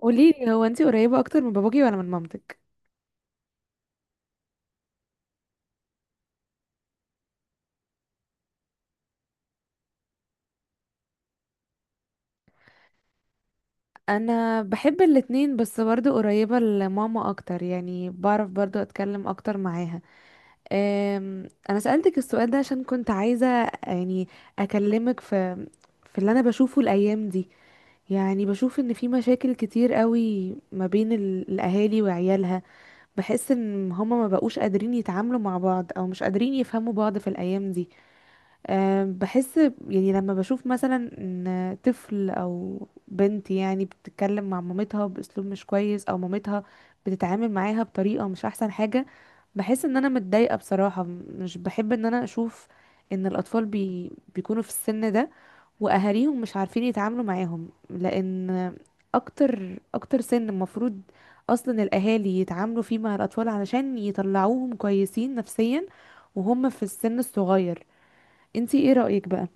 قولي لي، هو انتي قريبة اكتر من باباكي ولا من مامتك؟ انا بحب الاتنين، بس برضو قريبة لماما اكتر، يعني بعرف برضو اتكلم اكتر معاها. انا سألتك السؤال ده عشان كنت عايزة، يعني، اكلمك في اللي انا بشوفه الايام دي. يعني بشوف ان في مشاكل كتير قوي ما بين الاهالي وعيالها. بحس ان هما ما بقوش قادرين يتعاملوا مع بعض، او مش قادرين يفهموا بعض في الايام دي. بحس يعني لما بشوف مثلا ان طفل او بنت يعني بتتكلم مع مامتها باسلوب مش كويس، او مامتها بتتعامل معاها بطريقة مش احسن حاجة. بحس ان انا متضايقة بصراحة. مش بحب ان انا اشوف ان الاطفال بي بيكونوا في السن ده واهاليهم مش عارفين يتعاملوا معاهم، لان اكتر سن المفروض اصلا الاهالي يتعاملوا فيه مع الاطفال، علشان يطلعوهم كويسين نفسيا وهم في السن الصغير. انتي ايه رأيك بقى؟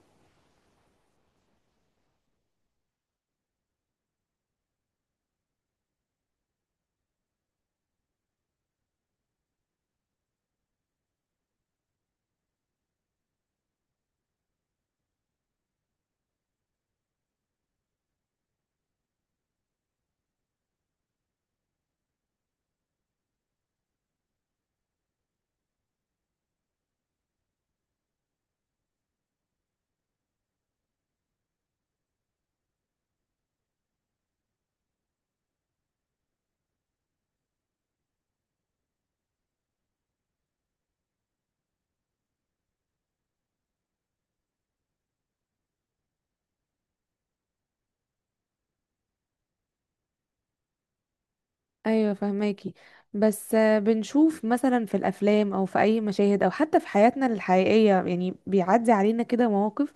ايوه، فهماكي. بس بنشوف مثلا في الافلام او في اي مشاهد، او حتى في حياتنا الحقيقيه، يعني بيعدي علينا كده مواقف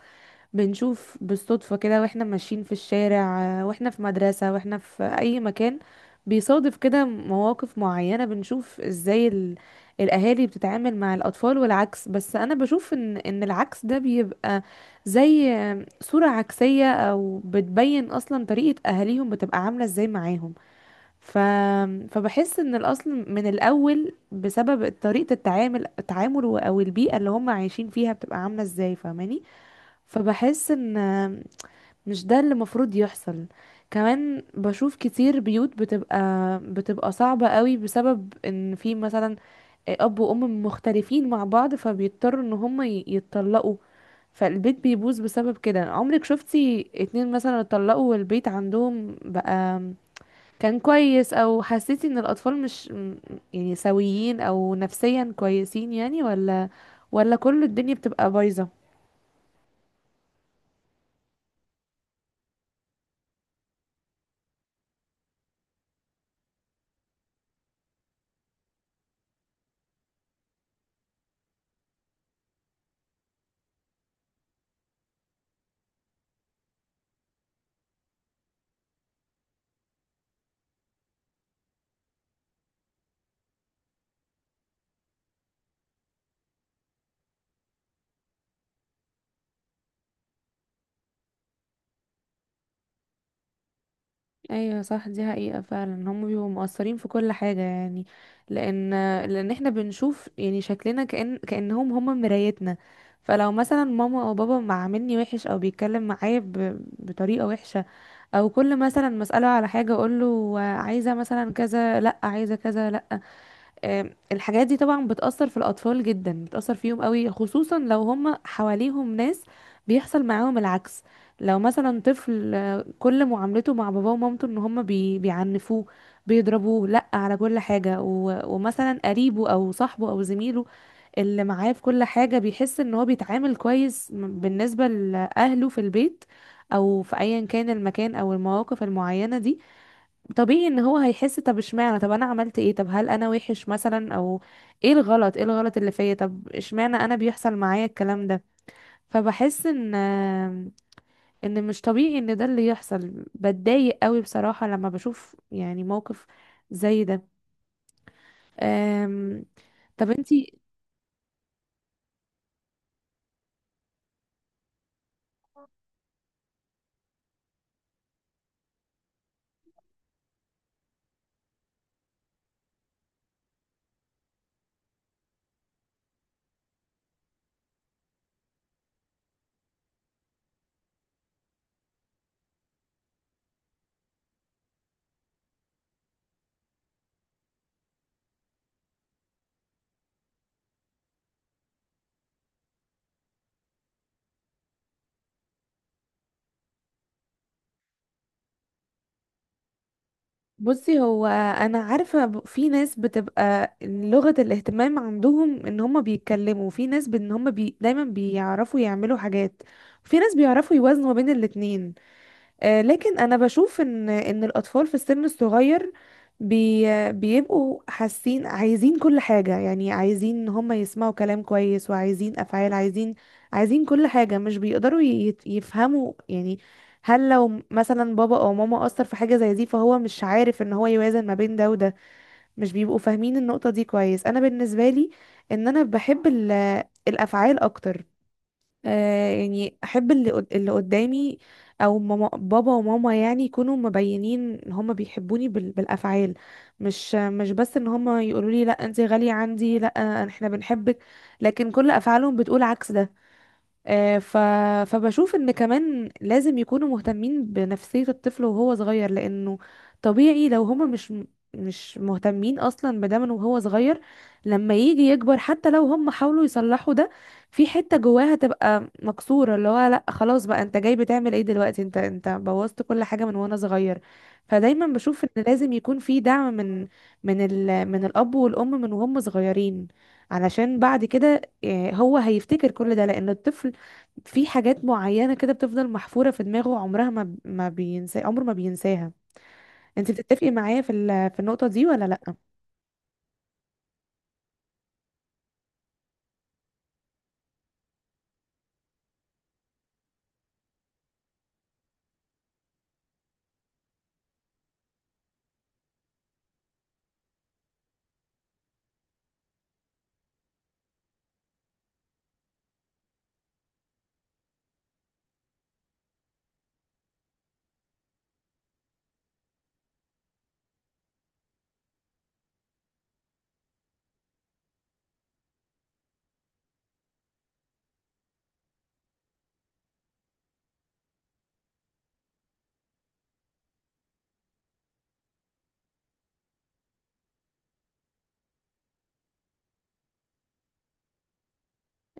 بنشوف بالصدفه، كده واحنا ماشيين في الشارع، واحنا في مدرسه، واحنا في اي مكان بيصادف كده مواقف معينه، بنشوف ازاي الاهالي بتتعامل مع الاطفال والعكس. بس انا بشوف ان العكس ده بيبقى زي صوره عكسيه، او بتبين اصلا طريقه اهاليهم بتبقى عامله ازاي معاهم. ف... فبحس ان الاصل من الاول بسبب طريقه التعامل او البيئه اللي هم عايشين فيها بتبقى عامله ازاي، فاهماني؟ فبحس ان مش ده اللي المفروض يحصل. كمان بشوف كتير بيوت بتبقى صعبه قوي، بسبب ان في مثلا اب وام مختلفين مع بعض فبيضطروا ان هم يتطلقوا، فالبيت بيبوظ بسبب كده. عمرك شفتي اتنين مثلا اتطلقوا والبيت عندهم بقى كان كويس؟ او حسيتي ان الاطفال مش م- يعني سويين او نفسيا كويسين، يعني؟ ولا كل الدنيا بتبقى بايظة؟ ايوه صح، دي حقيقة فعلا، هم بيبقوا مؤثرين في كل حاجة يعني. لان لان احنا بنشوف يعني شكلنا كأن كأنهم هم مرايتنا. فلو مثلا ماما او بابا ما عاملني وحش، او بيتكلم معايا بطريقة وحشة، او كل مثلا مسأله على حاجة اقول له عايزة مثلا كذا، لا، عايزة كذا، لا. الحاجات دي طبعا بتأثر في الأطفال جدا، بتأثر فيهم قوي، خصوصا لو هم حواليهم ناس بيحصل معاهم العكس. لو مثلا طفل، كل معاملته مع باباه ومامته ان هم بيعنفوه، بيضربوه لا على كل حاجة، ومثلا قريبه او صاحبه او زميله اللي معاه في كل حاجة بيحس ان هو بيتعامل كويس بالنسبة لأهله في البيت، او في ايا كان المكان او المواقف المعينة دي، طبيعي ان هو هيحس، طب اشمعنى؟ طب انا عملت ايه؟ طب هل انا وحش مثلا؟ او ايه الغلط، ايه الغلط اللي فيا؟ طب اشمعنى انا بيحصل معايا الكلام ده؟ فبحس ان ان مش طبيعي ان ده اللي يحصل. بتضايق قوي بصراحة لما بشوف يعني موقف زي ده. أم، طب انتي؟ بصي، هو انا عارفة في ناس بتبقى لغة الاهتمام عندهم ان هما بيتكلموا، في ناس بان هما دايما بيعرفوا يعملوا حاجات، في ناس بيعرفوا يوازنوا ما بين الاتنين. لكن انا بشوف ان ان الاطفال في السن الصغير بي بيبقوا حاسين عايزين كل حاجة، يعني عايزين ان هم يسمعوا كلام كويس، وعايزين افعال، عايزين كل حاجة، مش بيقدروا يفهموا يعني. هل لو مثلا بابا او ماما اثر في حاجة زي دي، فهو مش عارف ان هو يوازن ما بين ده وده؟ مش بيبقوا فاهمين النقطة دي كويس. انا بالنسبة لي، ان انا بحب الافعال اكتر. آه يعني احب اللي اللي قدامي، او ماما، بابا وماما، يعني يكونوا مبينين ان هما بيحبوني بالافعال. مش بس ان هما يقولوا لي لا انت غالية عندي، لا احنا بنحبك، لكن كل افعالهم بتقول عكس ده. آه، ف... فبشوف ان كمان لازم يكونوا مهتمين بنفسية الطفل وهو صغير، لانه طبيعي لو هما مش مهتمين اصلا بده من وهو صغير، لما يجي يكبر حتى لو هم حاولوا يصلحوا ده، في حتة جواها تبقى مكسورة، اللي هو لا خلاص بقى، انت جاي بتعمل ايه دلوقتي؟ انت بوظت كل حاجة من وانا صغير. فدايما بشوف ان لازم يكون في دعم من من الاب والام من وهم صغيرين، علشان بعد كده هو هيفتكر كل ده، لان الطفل في حاجات معينة كده بتفضل محفورة في دماغه، عمرها ما بينسى، عمره ما بينساها. انت بتتفقي معايا في في النقطة دي ولا لا؟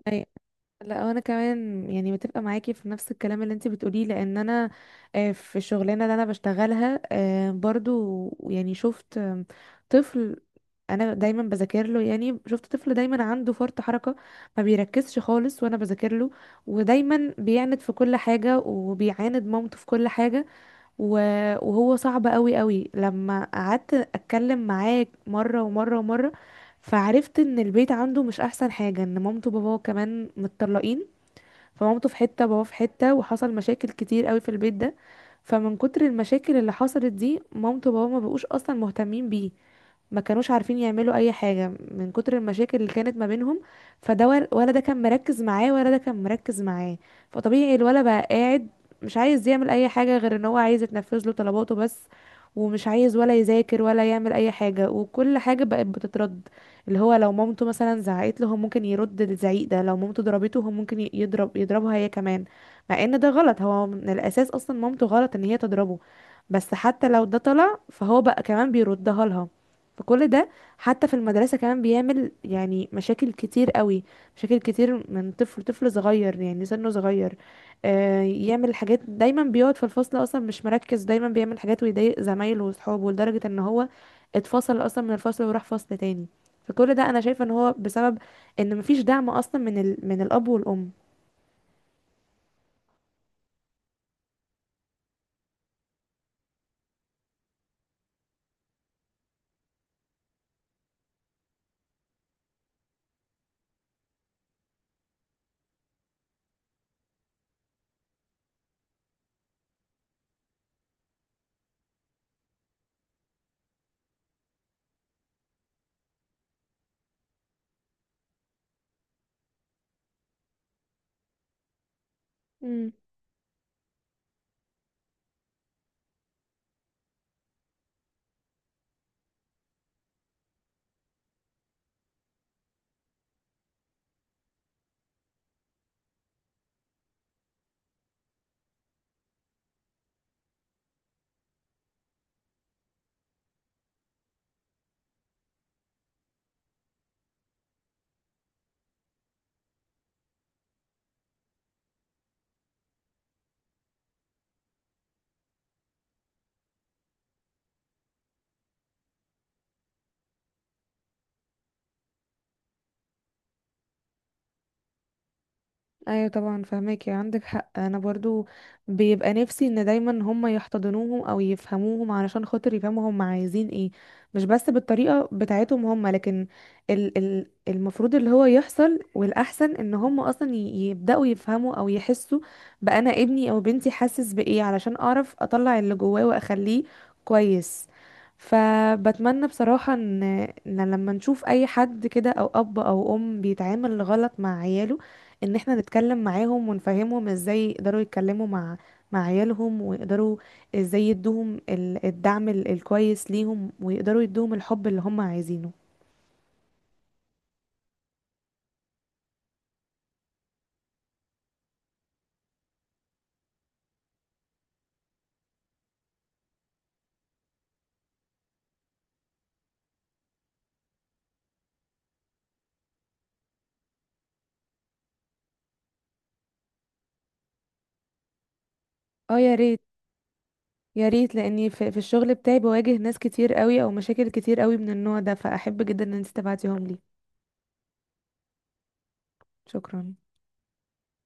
أي- لا، انا كمان يعني متفقة معاكي في نفس الكلام اللي انت بتقوليه، لان انا في الشغلانة اللي انا بشتغلها، برضو يعني شفت، طفل، انا دايما بذاكر له، يعني شفت طفل دايما عنده فرط حركة، ما بيركزش خالص وانا بذاكر له، ودايما بيعند في كل حاجة، وبيعاند مامته في كل حاجة. وهو صعب قوي قوي. لما قعدت اتكلم معاه مره ومره ومره، فعرفت ان البيت عنده مش احسن حاجه، ان مامته وباباه كمان متطلقين، فمامته في حته وباباه في حته، وحصل مشاكل كتير قوي في البيت ده. فمن كتر المشاكل اللي حصلت دي، مامته وباباه ما بقوش اصلا مهتمين بيه، ما كانوش عارفين يعملوا اي حاجة من كتر المشاكل اللي كانت ما بينهم. فده ولا ده كان مركز معاه ولا ده كان مركز معاه. فطبيعي الولد بقى قاعد مش عايز يعمل اي حاجة، غير ان هو عايز يتنفذ له طلباته بس، ومش عايز ولا يذاكر ولا يعمل اي حاجة، وكل حاجة بقت بتترد. اللي هو لو مامته مثلا زعقت له، هو ممكن يرد الزعيق ده، لو مامته ضربته هو ممكن يضربها هي كمان. مع ان ده غلط، هو من الاساس اصلا مامته غلط ان هي تضربه، بس حتى لو ده طلع فهو بقى كمان بيردها لها. فكل ده، حتى في المدرسة كمان بيعمل يعني مشاكل كتير قوي، مشاكل كتير من طفل، طفل صغير يعني سنه صغير. آه يعمل حاجات، دايما بيقعد في الفصل اصلا مش مركز، دايما بيعمل حاجات ويضايق زمايله واصحابه لدرجة ان هو اتفصل اصلا من الفصل وراح فصل تاني. فكل ده انا شايفة ان هو بسبب ان مفيش دعم اصلا من من الاب والام. ايوه طبعا فهماكي، عندك حق. انا برضو بيبقى نفسي ان دايما هم يحتضنوهم او يفهموهم، علشان خاطر يفهموا هم عايزين ايه، مش بس بالطريقه بتاعتهم هم، لكن ال المفروض اللي هو يحصل والاحسن ان هم اصلا يبداوا يفهموا او يحسوا بانا ابني او بنتي حاسس بايه، علشان اعرف اطلع اللي جواه واخليه كويس. فبتمنى بصراحة ان لما نشوف اي حد كده، او اب او ام بيتعامل غلط مع عياله، ان احنا نتكلم معاهم ونفهمهم ازاي يقدروا يتكلموا مع عيالهم، ويقدروا ازاي يدوهم الدعم الكويس ليهم، ويقدروا يدوهم الحب اللي هم عايزينه. اه يا ريت، يا ريت، لاني في, الشغل بتاعي بواجه ناس كتير قوي او مشاكل كتير قوي من النوع ده، فاحب جدا ان انت تبعتيهم لي. شكرا.